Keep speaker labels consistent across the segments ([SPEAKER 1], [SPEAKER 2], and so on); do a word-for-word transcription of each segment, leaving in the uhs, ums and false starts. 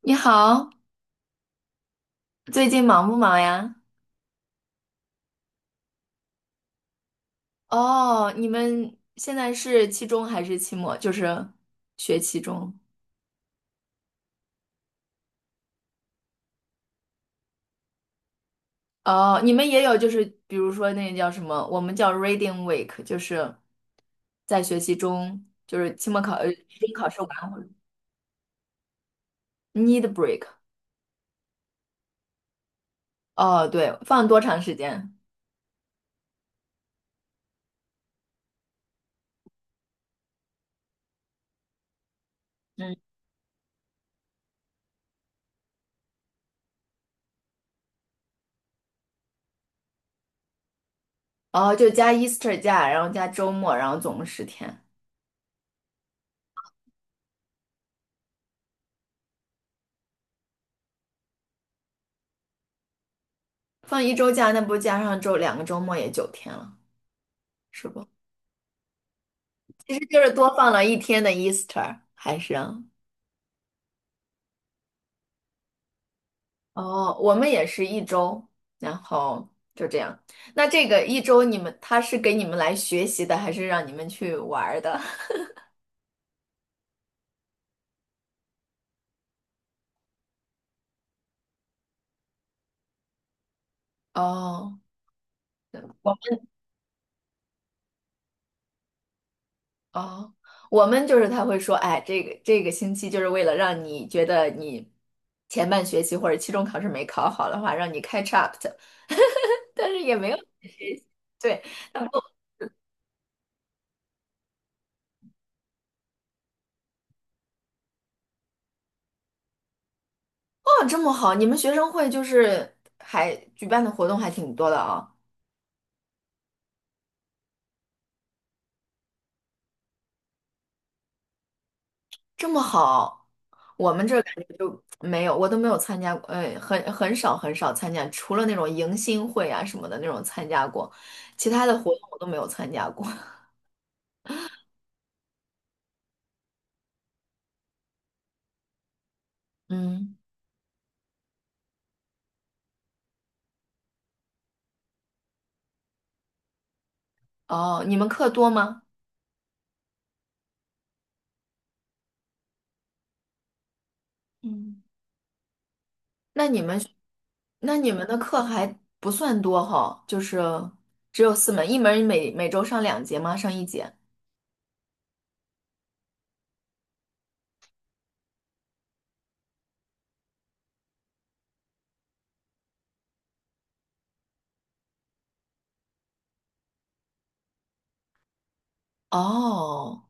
[SPEAKER 1] 你好，最近忙不忙呀？哦，你们现在是期中还是期末？就是学期中。哦，你们也有，就是比如说那个叫什么，我们叫 reading week，就是在学期中，就是期末考，呃，期中考试完会 need break。哦，对，放多长时间？嗯，哦，就加 Easter 假，然后加周末，然后总共十天。放一周假，那不加上周两个周末也九天了。是不？其实就是多放了一天的 Easter，还是啊哦，我们也是一周，然后就这样。那这个一周你们他是给你们来学习的，还是让你们去玩儿的？哦，我们哦，我们就是他会说，哎，这个这个星期就是为了让你觉得你前半学期或者期中考试没考好的话，让你 catch up 的，但是也没有对，哦，这么好，你们学生会就是还举办的活动还挺多的啊。这么好，我们这儿感觉就没有，我都没有参加过，呃，很很少很少参加，除了那种迎新会啊什么的那种参加过，其他的活动我都没有参加过。嗯，哦，你们课多吗？嗯，那你们，那你们的课还不算多哈，就是只有四门，一门每每周上两节吗？上一节？哦。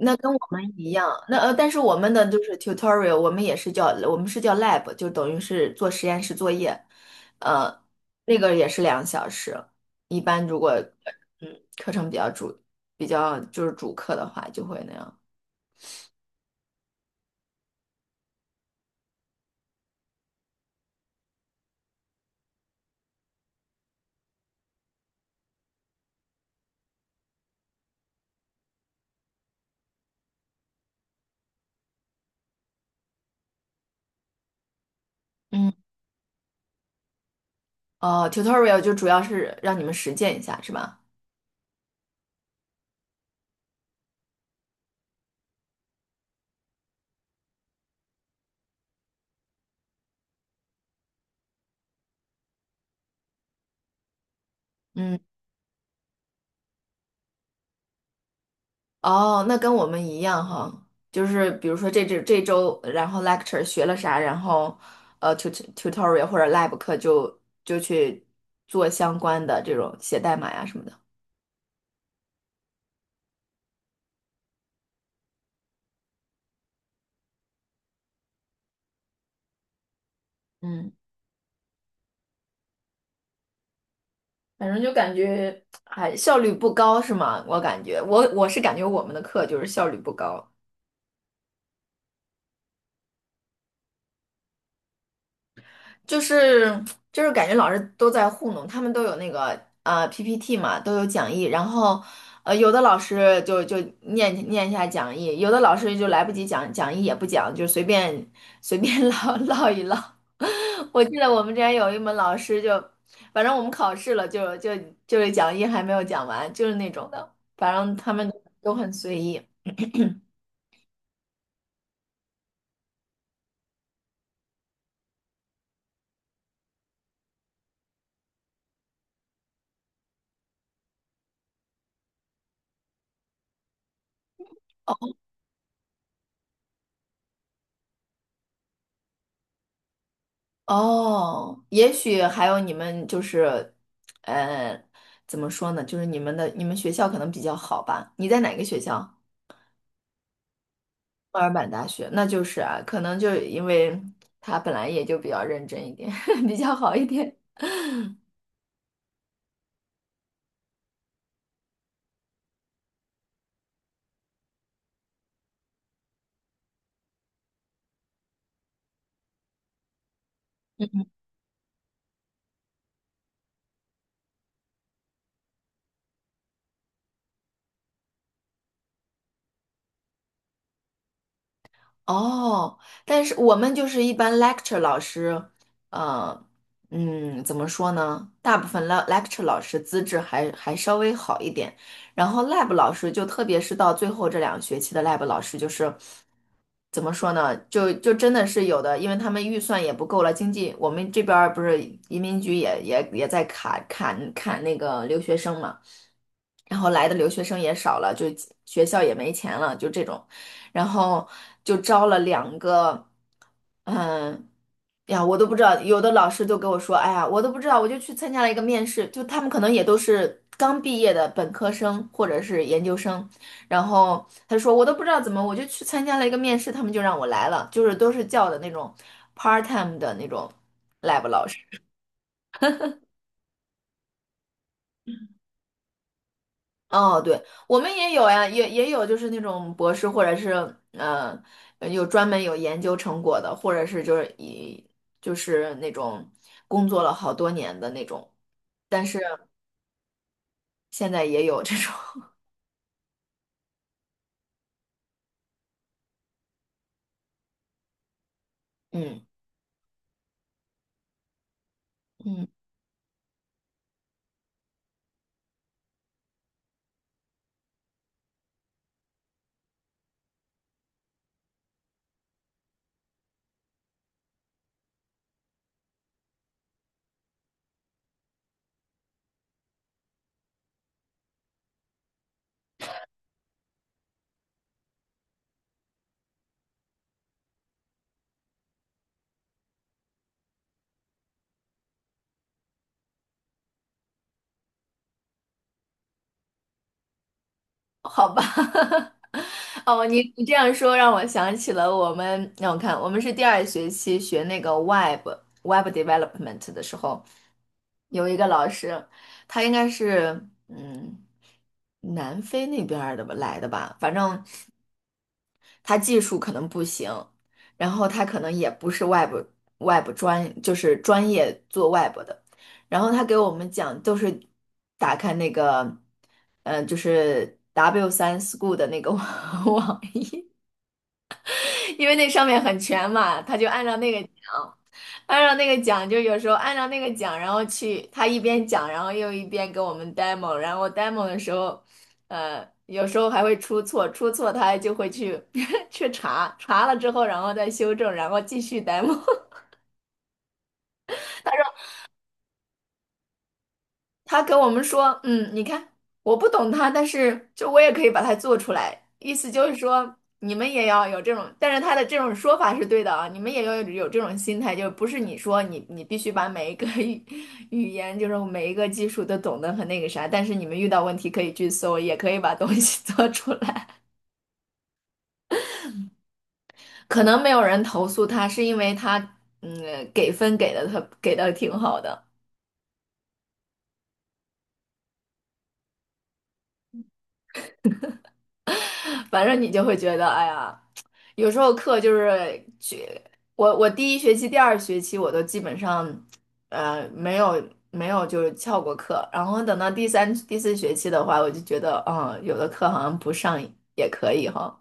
[SPEAKER 1] 那跟我们一样，那呃，但是我们的就是 tutorial，我们也是叫我们是叫 lab，就等于是做实验室作业，呃，那个也是两个小时。一般如果嗯课程比较主比较就是主课的话，就会那样。嗯，哦，tutorial 就主要是让你们实践一下，是吧？嗯。哦，那跟我们一样哈，就是比如说这这这周，然后 lecture 学了啥，然后呃 tut tutorial 或者 lab 课就就去做相关的这种写代码呀什么的。嗯，反正就感觉哎效率不高是吗？我感觉我我是感觉我们的课就是效率不高。就是就是感觉老师都在糊弄，他们都有那个呃 P P T 嘛，都有讲义，然后呃有的老师就就念念一下讲义，有的老师就来不及讲讲义也不讲，就随便随便 唠唠一唠。我记得我们之前有一门老师就，反正我们考试了就就就是讲义还没有讲完，就是那种的，反正他们都很随意。哦，也许还有你们就是，呃，怎么说呢？就是你们的你们学校可能比较好吧？你在哪个学校？墨尔本大学，那就是啊，可能就因为他本来也就比较认真一点，比较好一点。哦，但是我们就是一般 lecture 老师，呃，嗯，怎么说呢？大部分 le- lecture 老师资质还还稍微好一点，然后 lab 老师就特别是到最后这两个学期的 lab 老师，就是怎么说呢？就就真的是有的，因为他们预算也不够了，经济我们这边儿不是移民局也也也在砍砍砍那个留学生嘛。然后来的留学生也少了，就学校也没钱了，就这种。然后就招了两个，嗯，哎呀，我都不知道，有的老师就跟我说，哎呀，我都不知道，我就去参加了一个面试，就他们可能也都是刚毕业的本科生或者是研究生，然后他说我都不知道怎么，我就去参加了一个面试，他们就让我来了，就是都是叫的那种 part time 的那种 lab 老师。哦，对，我们也有呀，也也有就是那种博士，或者是呃，呃有专门有研究成果的，或者是就是以就是那种工作了好多年的那种，但是现在也有这种，嗯嗯，好吧，哦，你你这样说让我想起了我们，让我看，我们是第二学期学那个 Web Web Development 的时候。有一个老师，他应该是嗯南非那边儿的吧来的吧，反正他技术可能不行，然后他可能也不是 Web Web 专，就是专业做 Web 的，然后他给我们讲都是打开那个，嗯、就是 W 三 School 的那个网 网因为那上面很全嘛，他就按照那个讲，按照那个讲，就有时候按照那个讲，然后去他一边讲，然后又一边给我们 demo，然后 demo 的时候，呃，有时候还会出错，出错他就会去 去查，查了之后，然后再修正，然后继续 demo。他跟我们说，嗯，你看，我不懂他，但是就我也可以把它做出来，意思就是说你们也要有这种，但是他的这种说法是对的啊，你们也要有这种心态，就不是你说你你必须把每一个 语语言，就是每一个技术都懂得很那个啥，但是你们遇到问题可以去搜，也可以把东西 做出来。可能没有人投诉他，是因为他嗯给分给的他给的挺好的。反正你就会觉得，哎呀，有时候课就是去，我我第一学期、第二学期我都基本上，呃，没有没有就是翘过课，然后等到第三、第四学期的话，我就觉得，嗯，有的课好像不上也可以哈。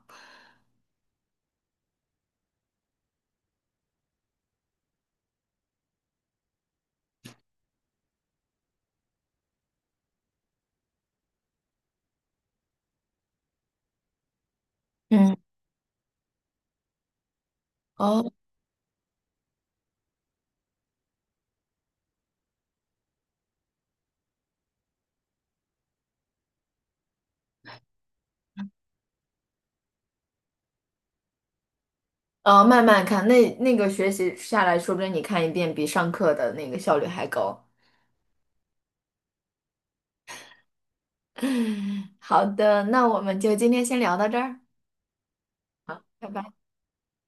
[SPEAKER 1] 嗯，哦，哦，慢慢看，那那个学习下来，说不定你看一遍比上课的那个效率还高。好的，那我们就今天先聊到这儿，好，拜拜。